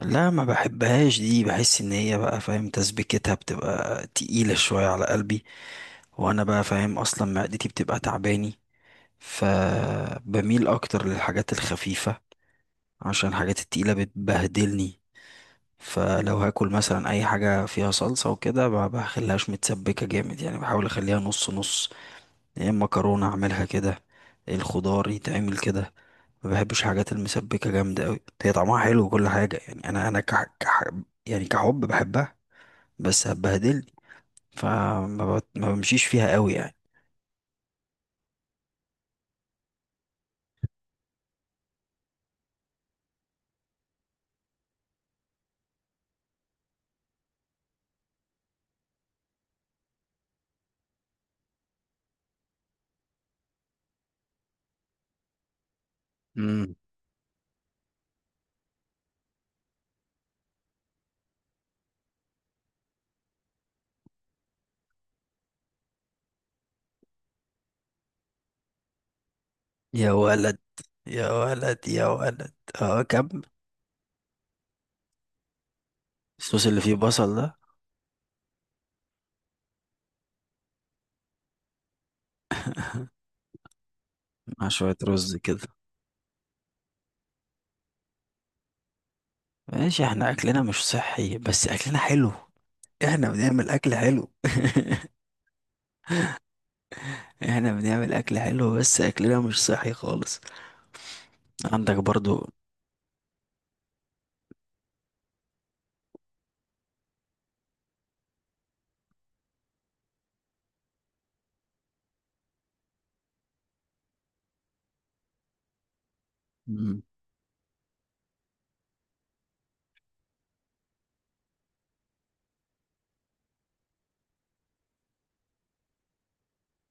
لا، ما بحبهاش دي. بحس ان هي، بقى، فاهم؟ تسبيكتها بتبقى تقيلة شوية على قلبي. وانا، بقى، فاهم اصلا معدتي بتبقى تعباني. فبميل اكتر للحاجات الخفيفة عشان الحاجات التقيلة بتبهدلني. فلو هاكل مثلا اي حاجة فيها صلصة وكده، ما بخليهاش متسبكة جامد، يعني بحاول اخليها نص نص. يا اما مكرونه اعملها كده، إيه الخضار يتعمل كده. ما بحبش حاجات المسبكه جامده قوي، هي طعمها حلو وكل حاجه، يعني انا يعني كحب بحبها، بس هتبهدلني. ما بمشيش فيها قوي يعني. امم يا ولد، يا ولد يا ولد. اه، كمل. الصوص اللي فيه بصل ده، مع شويه رز كده. ماشي، احنا اكلنا مش صحي بس اكلنا حلو، احنا بنعمل اكل حلو. احنا بنعمل اكل حلو بس اكلنا مش صحي خالص. عندك برضو. مم.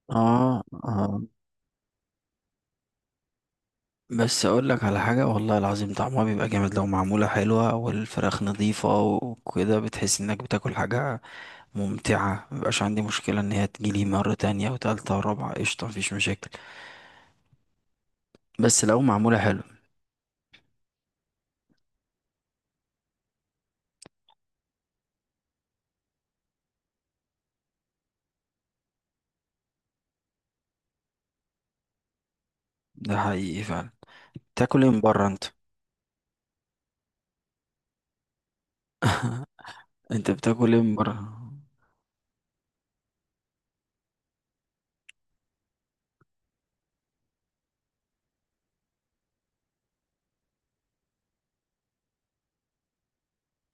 اه، اه. بس اقول لك على حاجه، والله العظيم طعمها بيبقى جامد لو معموله حلوه والفراخ نظيفه وكده، بتحس انك بتاكل حاجه ممتعه. مبقاش عندي مشكله ان هي تجيلي مره تانية وتالتة ورابعه، قشطه، مفيش مشاكل، بس لو معموله حلو. ده حقيقي فعلا. تاكل ايه من بره انت؟ انت بتاكل ايه من بره؟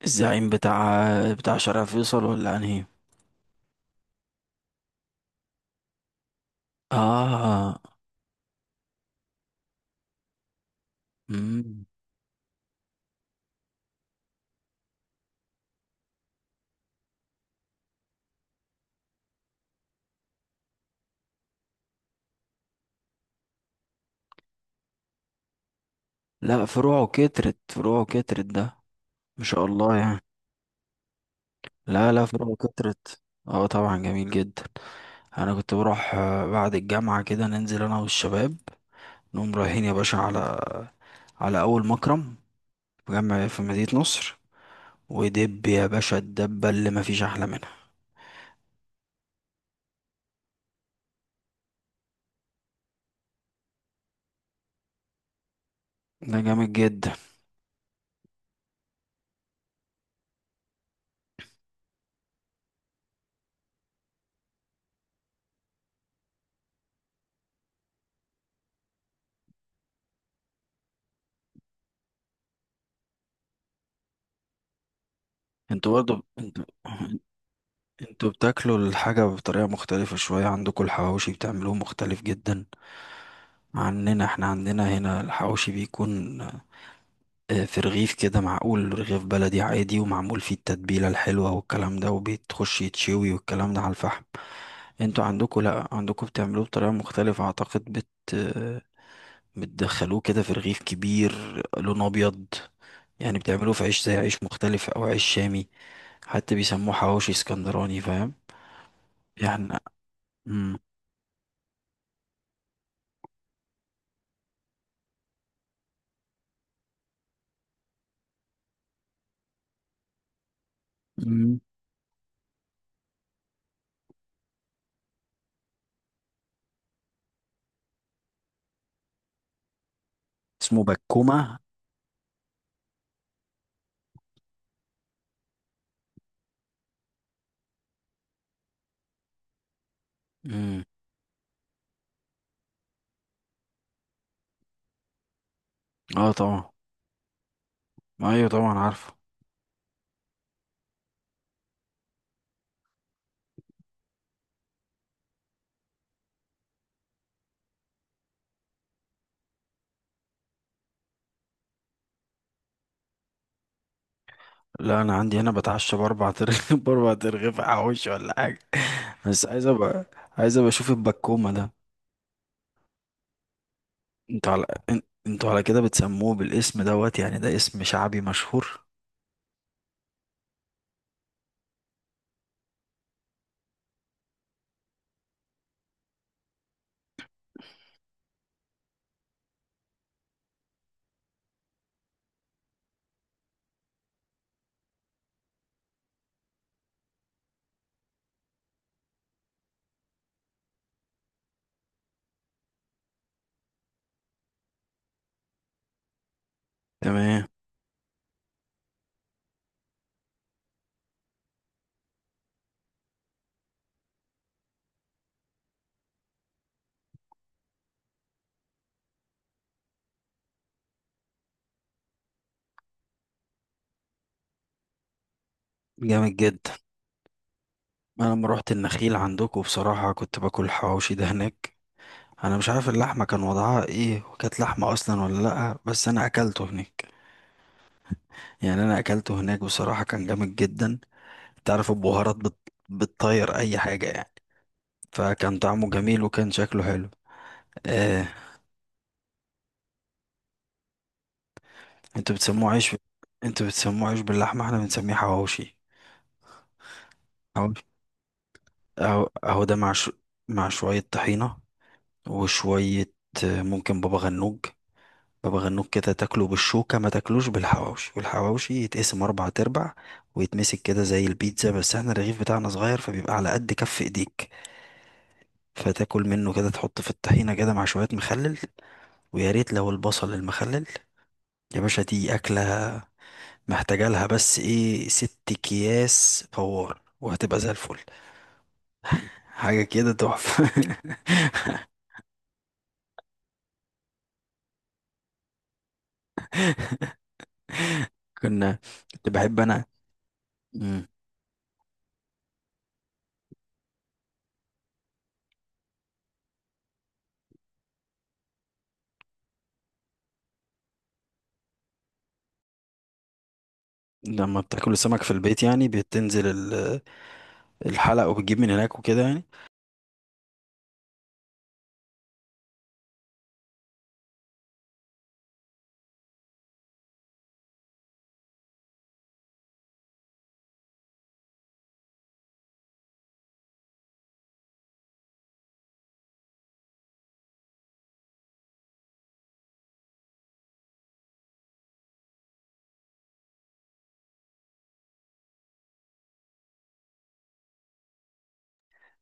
الزعيم بتاع شارع فيصل ولا انهي؟ اه. مم. لا، فروعه كترت ده، ما شاء الله يعني. لا لا، فروع كترت. اه طبعا، جميل جدا. انا كنت بروح بعد الجامعة كده ننزل انا والشباب، نقوم رايحين يا باشا على اول مكرم، في جامع في مدينة نصر. ودب يا باشا، الدبة اللي مفيش احلى منها، ده جامد جدا. انتوا برضه، انتوا بتاكلوا الحاجة بطريقة مختلفة شوية، عندكم الحواوشي بتعملوه مختلف جدا عننا. احنا عندنا هنا الحواوشي بيكون في رغيف كده، معقول، رغيف بلدي عادي ومعمول فيه التتبيلة الحلوة والكلام ده، وبيتخش يتشوي والكلام ده على الفحم. انتوا عندكوا، لا، عندكوا بتعملوه بطريقة مختلفة، اعتقد آه، بتدخلوه كده في رغيف كبير، لونه ابيض، يعني بتعملوه في عيش زي عيش مختلف او عيش شامي. حتى بيسموه حواوشي اسكندراني، فاهم؟ يعني. مم. مم. اسمه بكومة؟ مم. اه طبعا. ايوه طبعا عارفه. لا، انا عندي هنا بتعشى باربع ترغيف. باربع ترغيف حواوشي ولا حاجه. بس عايز ابقى عايز ابقى اشوف البكومه ده. انتوا على ان- انتوا على كده بتسموه بالاسم دوت، يعني ده اسم شعبي مشهور؟ تمام. جامد جدا. انا لما روحت النخيل عندكم بصراحه، كنت باكل حواوشي ده هناك. انا مش عارف اللحمه كان وضعها ايه، وكانت لحمه اصلا ولا لا، بس انا اكلته هناك، يعني انا اكلته هناك بصراحه كان جامد جدا. تعرف البهارات بتطير اي حاجه يعني، فكان طعمه جميل وكان شكله حلو. آه، انتوا بتسموه عيش، انتوا بتسموه عيش باللحمة، احنا بنسميه حواوشي. حواوشي. اهو اهو ده، مع شوية طحينة وشوية ممكن بابا غنوج. بابا غنوج كده تاكله بالشوكة، ما تاكلوش بالحواوشي، والحواوشي يتقسم أربع تربع ويتمسك كده زي البيتزا، بس احنا الرغيف بتاعنا صغير فبيبقى على قد كف ايديك. فتاكل منه كده، تحط في الطحينة كده مع شوية مخلل، ويا ريت لو البصل المخلل. يا باشا، دي أكلة محتاجة لها بس ايه، ست اكياس فوار وهتبقى زي الفل. حاجة كده تحفة. كنا كنت بحب انا. مم. لما بتاكل السمك في البيت، يعني بتنزل الحلق وبتجيب من هناك وكده يعني.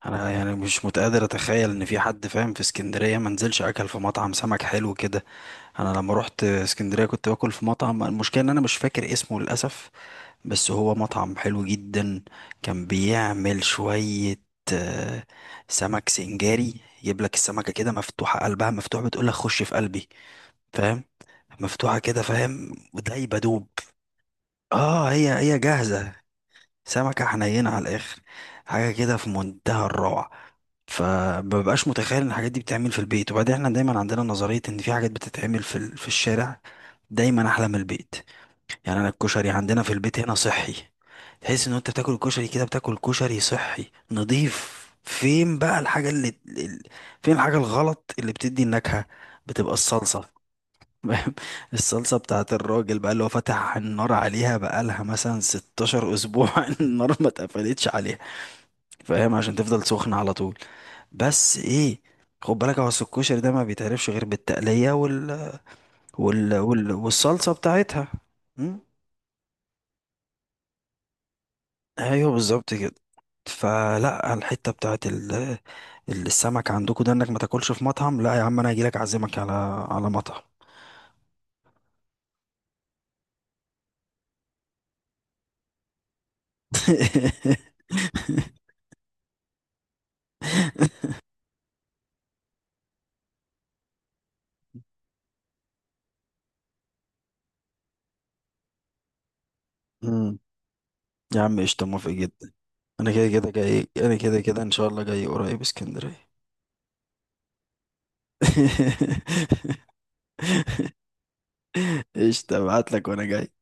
انا يعني مش متقدر اتخيل ان في حد فاهم في اسكندرية ما نزلش اكل في مطعم سمك حلو كده. انا لما رحت اسكندرية، كنت باكل في مطعم، المشكلة ان انا مش فاكر اسمه للاسف، بس هو مطعم حلو جدا. كان بيعمل شوية آه، سمك سنجاري، يجيب لك السمكة كده مفتوحة، قلبها مفتوح، بتقول لك خش في قلبي، فاهم؟ مفتوحة كده فاهم، ودايبة دوب. اه، هي جاهزة. سمكة حنينة على الآخر، حاجة كده في منتهى الروعة. فمببقاش متخيل ان الحاجات دي بتتعمل في البيت. وبعدين احنا دايما عندنا نظرية ان في حاجات بتتعمل في في الشارع دايما احلى من البيت. يعني انا الكشري عندنا في البيت هنا صحي، تحس ان انت بتاكل الكشري كده، بتاكل كشري صحي نظيف. فين الحاجة الغلط اللي بتدي النكهة؟ بتبقى الصلصة. الصلصة بتاعت الراجل بقى اللي هو فتح النار عليها بقالها مثلا 16 أسبوع. النار ما اتقفلتش عليها فاهم، عشان تفضل سخنة على طول. بس ايه، خد بالك هو أصل الكشري ده ما بيتعرفش غير بالتقلية والصلصة بتاعتها. مم؟ ايوه بالظبط كده. فلا، الحته بتاعت السمك عندكم ده انك ما تاكلش في مطعم، لا يا عم، انا هجيلك اعزمك على مطعم. مم. يا عم قشطه، موافق جدا. انا كده كده جاي، انا كده كده ان شاء الله جاي قريب اسكندريه. قشطه، ابعت لك وانا جاي.